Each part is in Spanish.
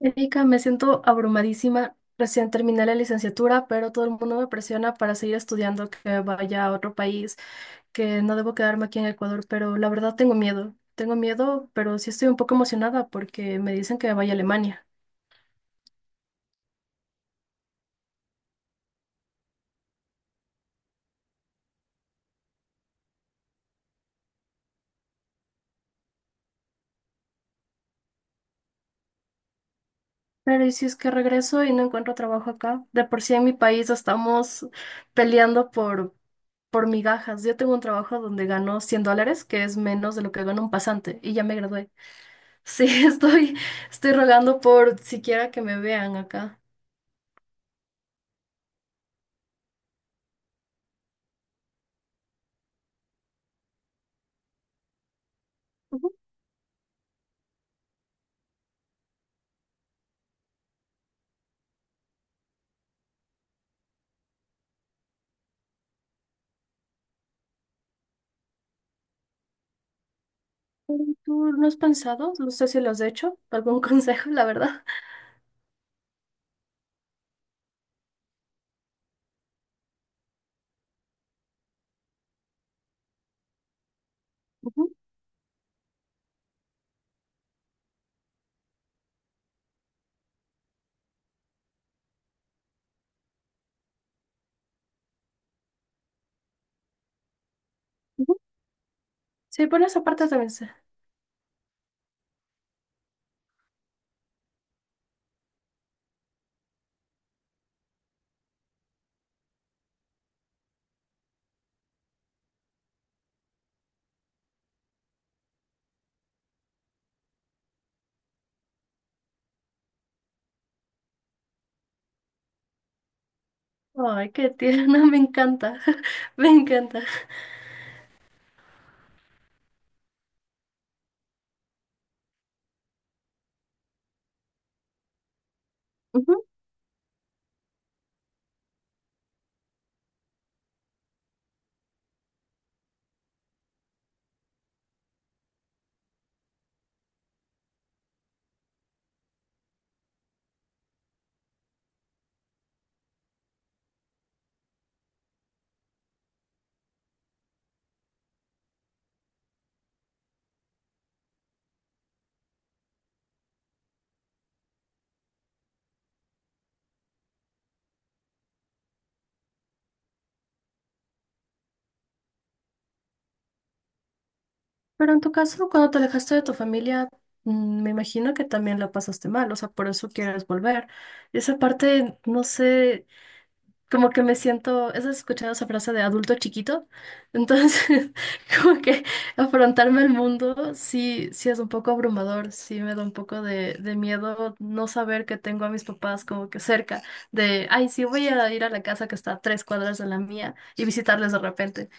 Erika, me siento abrumadísima. Recién terminé la licenciatura, pero todo el mundo me presiona para seguir estudiando, que vaya a otro país, que no debo quedarme aquí en Ecuador, pero la verdad tengo miedo. Tengo miedo, pero sí estoy un poco emocionada porque me dicen que vaya a Alemania. Pero ¿y si es que regreso y no encuentro trabajo acá? De por sí en mi país estamos peleando por migajas. Yo tengo un trabajo donde gano $100, que es menos de lo que gana un pasante, y ya me gradué. Sí, estoy rogando por siquiera que me vean acá. Ujú. ¿Tú no has pensado? No sé si lo has hecho. ¿Algún consejo, la verdad? Ujú, ujú. Sí, por esa parte también sé. Ay, qué tierna, me encanta. Me encanta. Ujú. Pero en tu caso, cuando te alejaste de tu familia, me imagino que también la pasaste mal, o sea, por eso quieres volver. Esa parte, no sé, como que me siento, ¿has escuchado esa frase de adulto chiquito? Entonces, como que afrontarme al mundo sí, sí es un poco abrumador, sí me da un poco de miedo no saber que tengo a mis papás como que cerca de, ay, sí voy a ir a la casa que está a 3 cuadras de la mía y visitarles de repente.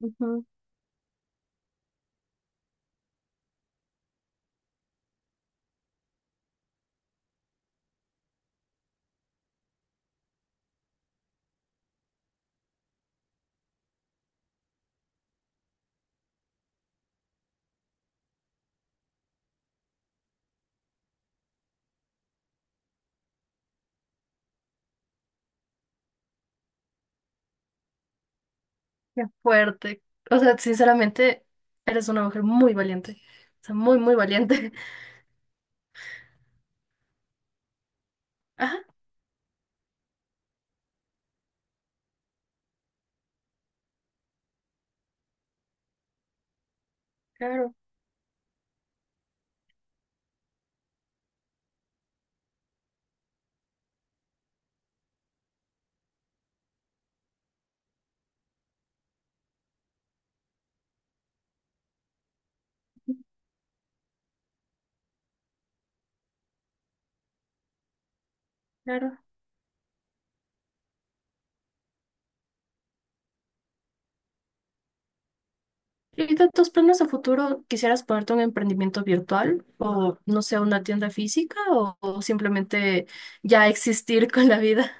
Ujú. Qué fuerte. O sea, sinceramente, eres una mujer muy valiente. O sea, muy, muy valiente. Ajá, claro, claro. ¿Y de tus planes a futuro quisieras ponerte un emprendimiento virtual o no sé, una tienda física o simplemente ya existir con la vida?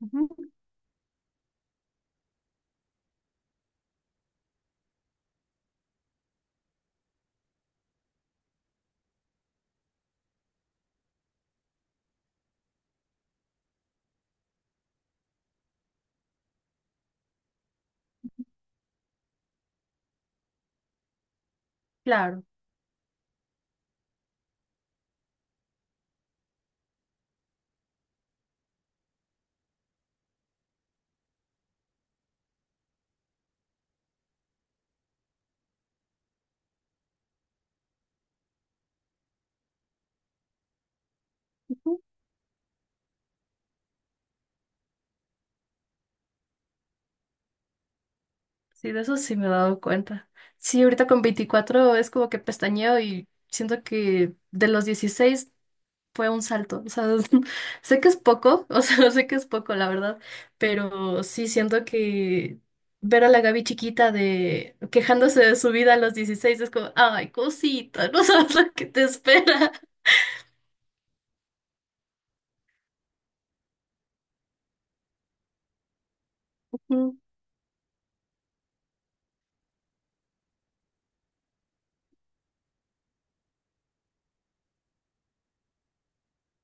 Ujú, claro, ujú. Sí, de eso sí me he dado cuenta. Sí, ahorita con 24 es como que pestañeo y siento que de los 16 fue un salto. O sea, sé que es poco, o sea, sé que es poco, la verdad, pero sí siento que ver a la Gaby chiquita de quejándose de su vida a los 16 es como, ay, cosita, no sabes lo que te espera. Ujú,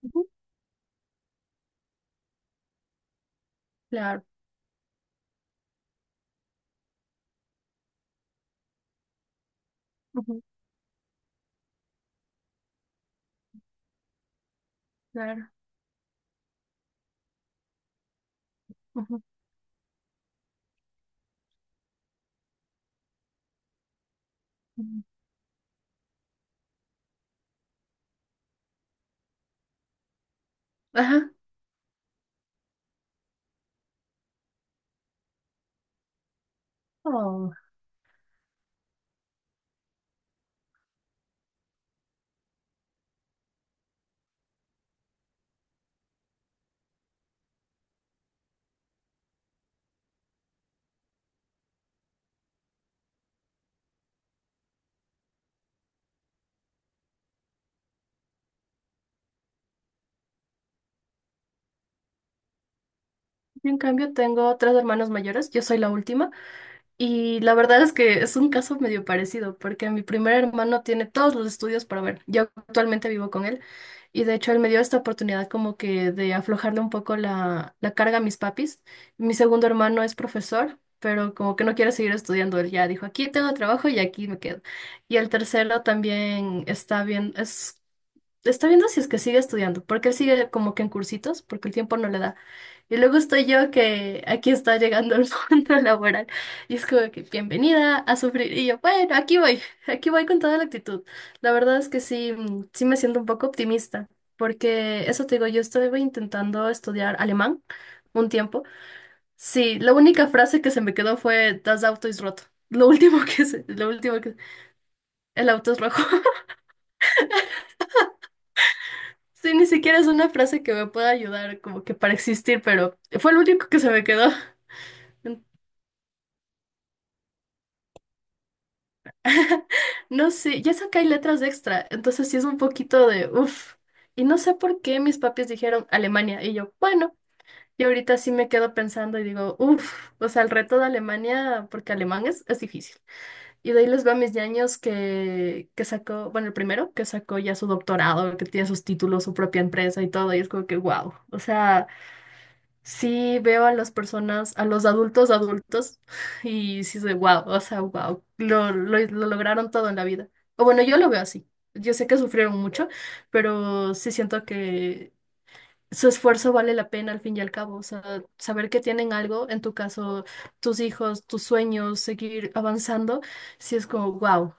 ujú, claro, ujú, claro. Ujú, ujú. Ajá. Oh. Yo en cambio tengo tres hermanos mayores, yo soy la última. Y la verdad es que es un caso medio parecido, porque mi primer hermano tiene todos los estudios para ver. Yo actualmente vivo con él y de hecho él me dio esta oportunidad como que de aflojarle un poco la carga a mis papis. Mi segundo hermano es profesor, pero como que no quiere seguir estudiando. Él ya dijo, aquí tengo trabajo y aquí me quedo. Y el tercero también está bien, es Está viendo si es que sigue estudiando, porque él sigue como que en cursitos, porque el tiempo no le da. Y luego estoy yo que aquí está llegando al mundo laboral. Y es como que bienvenida a sufrir. Y yo, bueno, aquí voy con toda la actitud. La verdad es que sí, sí me siento un poco optimista, porque eso te digo, yo estuve intentando estudiar alemán un tiempo. Sí, la única frase que se me quedó fue Das Auto ist rot. Lo último que se, lo último que el auto es rojo. Sí, ni siquiera es una frase que me pueda ayudar como que para existir, pero fue lo único que se me quedó. No sé, ya sé que hay letras extra, entonces sí es un poquito de uff. Y no sé por qué mis papis dijeron Alemania y yo, bueno, y ahorita sí me quedo pensando y digo, uff, o sea, el reto de Alemania, porque alemán es difícil. Y de ahí les veo a mis ñaños que sacó, bueno, el primero que sacó ya su doctorado, que tiene sus títulos, su propia empresa y todo, y es como que wow, o sea... Sí, veo a las personas, a los adultos adultos, y sí soy wow, o sea, wow, lo lograron todo en la vida. O bueno, yo lo veo así. Yo sé que sufrieron mucho, pero sí siento que su esfuerzo vale la pena al fin y al cabo. O sea, saber que tienen algo, en tu caso, tus hijos, tus sueños, seguir avanzando, sí es como wow.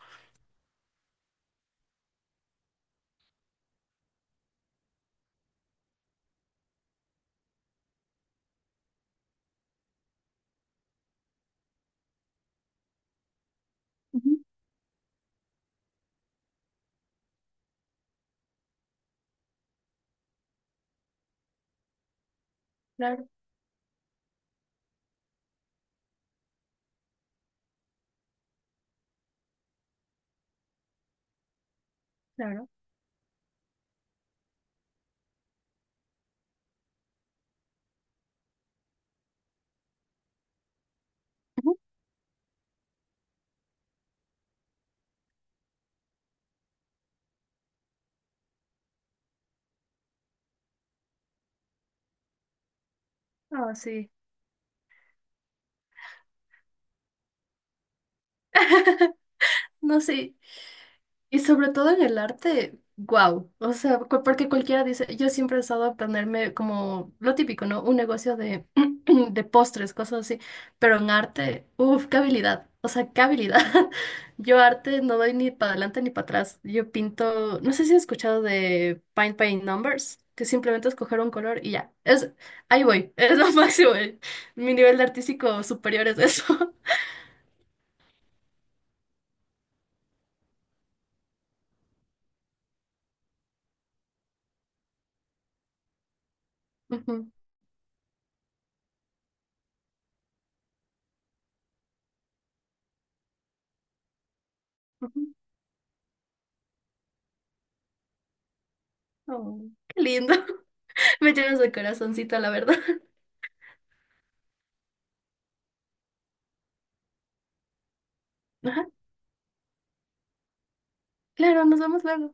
Ujú, claro, claro. Ujú. Ah, sí. No sé. Y sobre todo en el arte, wow. O sea, porque cualquiera dice, yo siempre he estado a ponerme como lo típico, ¿no? Un negocio de postres, cosas así. Pero en arte, uff, qué habilidad. O sea, qué habilidad. Yo arte no doy ni para adelante ni para atrás. Yo pinto, no sé si has escuchado de Paint by Numbers, que simplemente es coger un color y ya. Ahí voy, es lo máximo. Mi nivel artístico superior es eso. Ujú, ujú. Oh, qué lindo. Me llenas de corazoncito, la verdad. Ajá, claro, nos vemos luego.